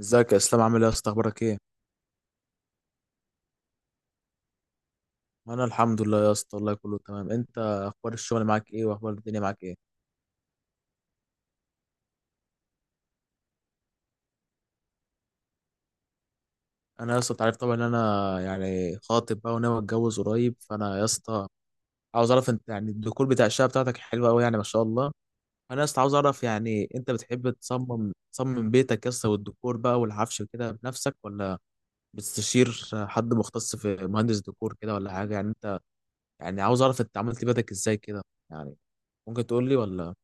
ازيك يا اسلام؟ عامل ايه يا اسطى؟ اخبارك ايه؟ انا الحمد لله يا اسطى والله كله تمام. انت اخبار الشغل معاك ايه؟ واخبار الدنيا معاك ايه؟ انا يا اسطى انت عارف طبعا ان انا يعني خاطب بقى وناوي اتجوز قريب، فانا يا اسطى عاوز اعرف انت يعني الديكور بتاع الشقه بتاعتك حلوه قوي يعني ما شاء الله. انا يا اسطى عاوز اعرف يعني انت بتحب تصمم بيتك يا اسطى والديكور بقى والعفش كده بنفسك، ولا بتستشير حد مختص في مهندس ديكور كده ولا حاجه؟ يعني انت يعني عاوز اعرف انت عملت بيتك ازاي كده؟ يعني ممكن تقول لي ولا؟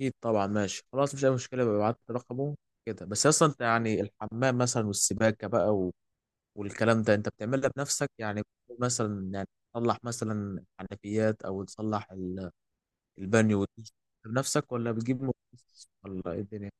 اكيد طبعا ماشي خلاص، مش اي مشكله، ببعت رقمه كده. بس اصلا انت يعني الحمام مثلا والسباكه بقى و... والكلام ده انت بتعملها بنفسك يعني؟ مثلا يعني تصلح مثلا حنفيات او تصلح البانيو والدش بنفسك، ولا بتجيب مختص، ولا ايه الدنيا؟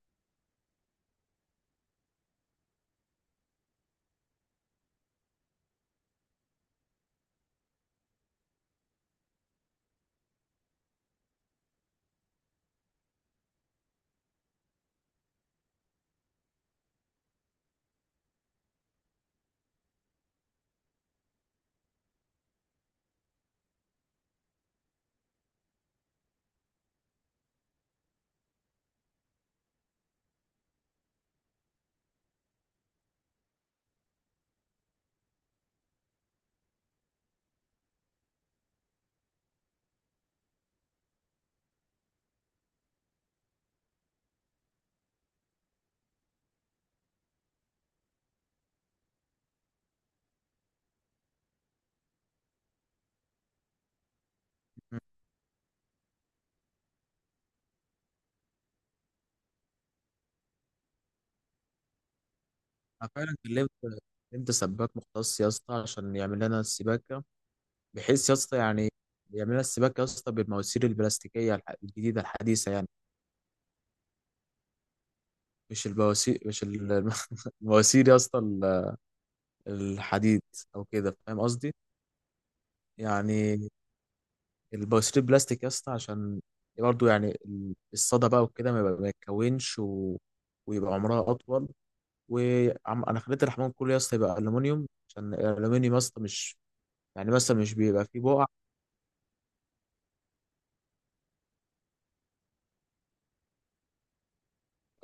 مم. انا فعلا كلمت سباك مختص يا اسطى عشان يعمل لنا السباكه، بحيث يا اسطى يعني يعمل لنا السباكه يا اسطى بالمواسير البلاستيكيه الجديده الحديثه يعني. مش البواسير، مش ال- المواسير يا اسطى، الحديد او كده، فاهم قصدي؟ يعني البواسير بلاستيك يا اسطى، عشان برضه يعني الصدى بقى وكده ما يتكونش، و... ويبقى عمرها اطول. وانا خليت الحمام كله يا اسطى يبقى الومنيوم، عشان الالومنيوم يا اسطى مش يعني مثلا مش بيبقى فيه بقع.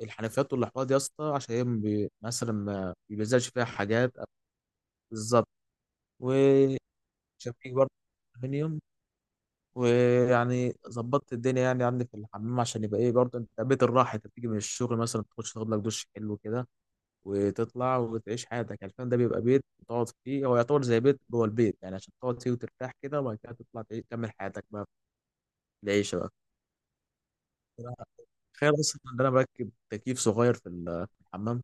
الحنفيات والاحواض يا اسطى عشان هي ما بي... مثلا ما بيلزقش فيها حاجات. بالظبط. وشبكيك برضه الومنيوم. ويعني ظبطت الدنيا يعني عندي في الحمام، عشان يبقى ايه برضه، انت بيت الراحه، انت بتيجي من الشغل مثلا تخش تاخد لك دش حلو كده، وتطلع وتعيش حياتك. يعني الفندق ده بيبقى بيت تقعد فيه، هو يعتبر زي بيت جوه البيت يعني، عشان تقعد فيه وترتاح كده، وبعد كده تطلع تكمل حياتك بقى في العيشه بقى. تخيل اصلا ان انا بركب تكييف صغير في في الحمام،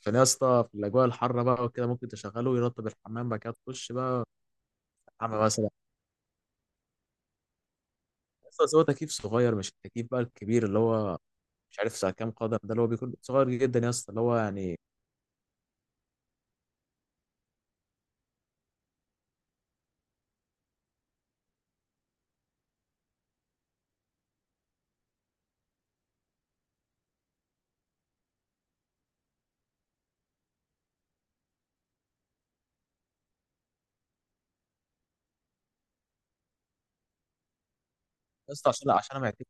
عشان يا اسطى في الاجواء الحاره بقى وكده ممكن تشغله ويرطب الحمام، بعد كده تخش بقى حمام مثلا. بس هو تكييف صغير، مش التكييف بقى الكبير اللي هو مش عارف ساعة كام قدم ده، اللي هو بيكون صغير جدا يا اسطى اللي هو يعني. يا اسطى عشان انا معتبر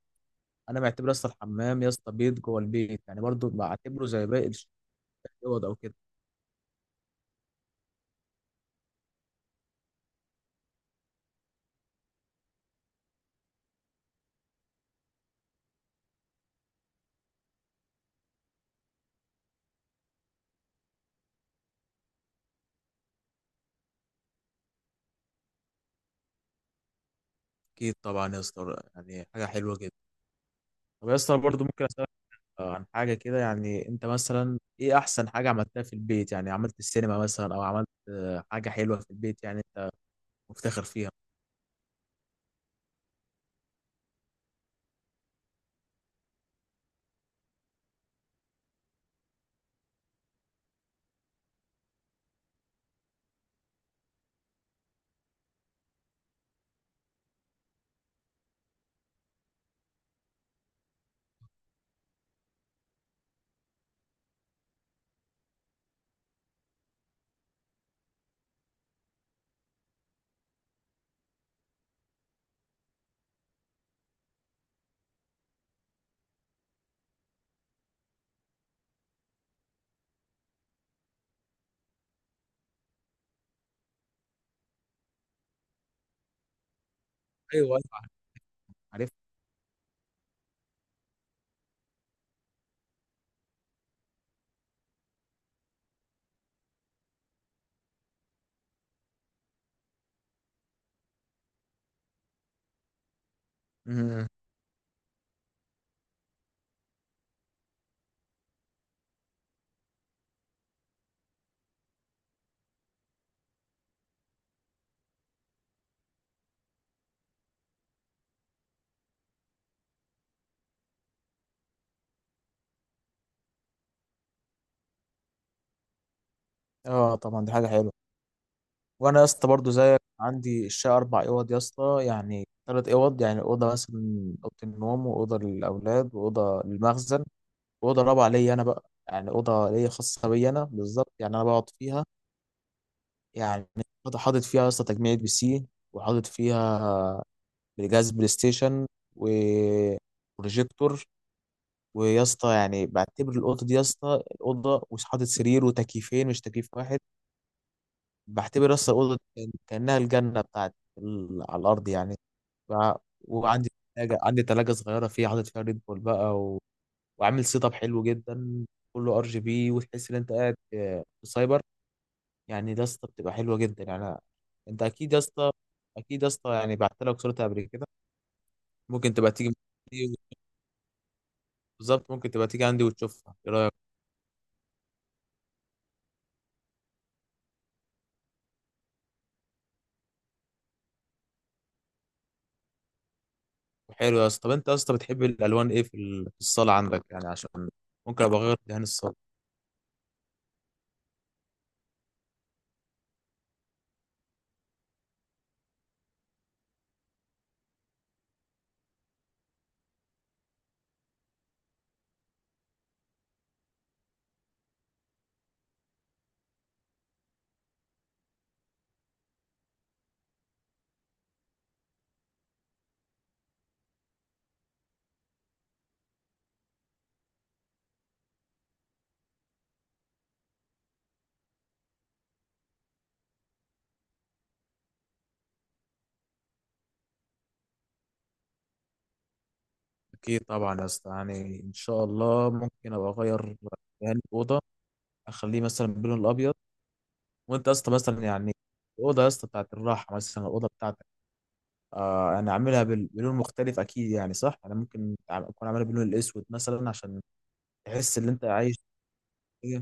انا معتبر يا اسطى الحمام يا اسطى بيت جوه البيت يعني، برضو بعتبره زي باقي الاوض او كده. اكيد طبعا يا اسطى يعني حاجه حلوه جدا. طب يا اسطى برضو ممكن اسالك عن حاجه كده؟ يعني انت مثلا ايه احسن حاجه عملتها في البيت؟ يعني عملت السينما مثلا، او عملت حاجه حلوه في البيت يعني انت مفتخر فيها؟ ايوه، أيوة، عارف. مم. اه، طبعا دي حاجه حلوه. وانا يا اسطى برضه زيك عندي الشقه اربع اوض يا اسطى، يعني ثلاث اوض، يعني اوضه مثلا اوضه النوم، واوضه للاولاد، واوضه للمخزن، واوضه رابعه ليا انا بقى، يعني اوضه ليا خاصه بيا انا بالظبط، يعني انا بقعد فيها يعني. حاطط فيها يا اسطى تجميع PC، وحاطط فيها جهاز بلاي ستيشن وبروجيكتور. ويا اسطى يعني بعتبر الاوضه دي يا اسطى، الاوضه مش حاطط سرير وتكييفين، مش تكييف واحد. بعتبر يا اسطى الاوضه كانها الجنه بتاعتي على الارض يعني. وعندي عندي تلاجة صغيرة فيها، حاطط فيها ريد بول بقى، و... وعامل سيت اب حلو جدا، كله RGB، وتحس ان انت قاعد في سايبر يعني. ده يا اسطى بتبقى حلوة جدا يعني انت اكيد يا اسطى، اكيد يا اسطى، يعني بعت لك صورتها قبل كده، ممكن تبقى تيجي عندي، بالظبط ممكن تبقى تيجي عندي وتشوفها، ايه رايك؟ حلو يا اسطى. طب انت يا اسطى بتحب الالوان ايه في في الصالة عندك يعني؟ عشان ممكن ابقى اغير دهان الصالة. اكيد طبعا يا اسطى يعني ان شاء الله ممكن ابقى اغير دهان الاوضة، اخليه مثلا باللون الابيض. وانت يا اسطى مثلا يعني الاوضه يا اسطى بتاعت الراحه، مثلا الاوضه بتاعتك آه، انا عاملها بلون مختلف، اكيد يعني، صح؟ انا ممكن اكون عاملها باللون الاسود مثلا عشان تحس ان انت عايش. إيه.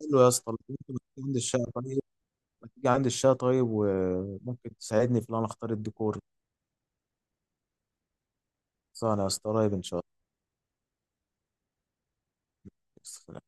حلو يا اسطى، لو انت ما تيجي عند الشقه طيب، ما تيجي عند الشقه طيب وممكن تساعدني في ان انا اختار الديكور. صح يا اسطى، قريب ان شاء الله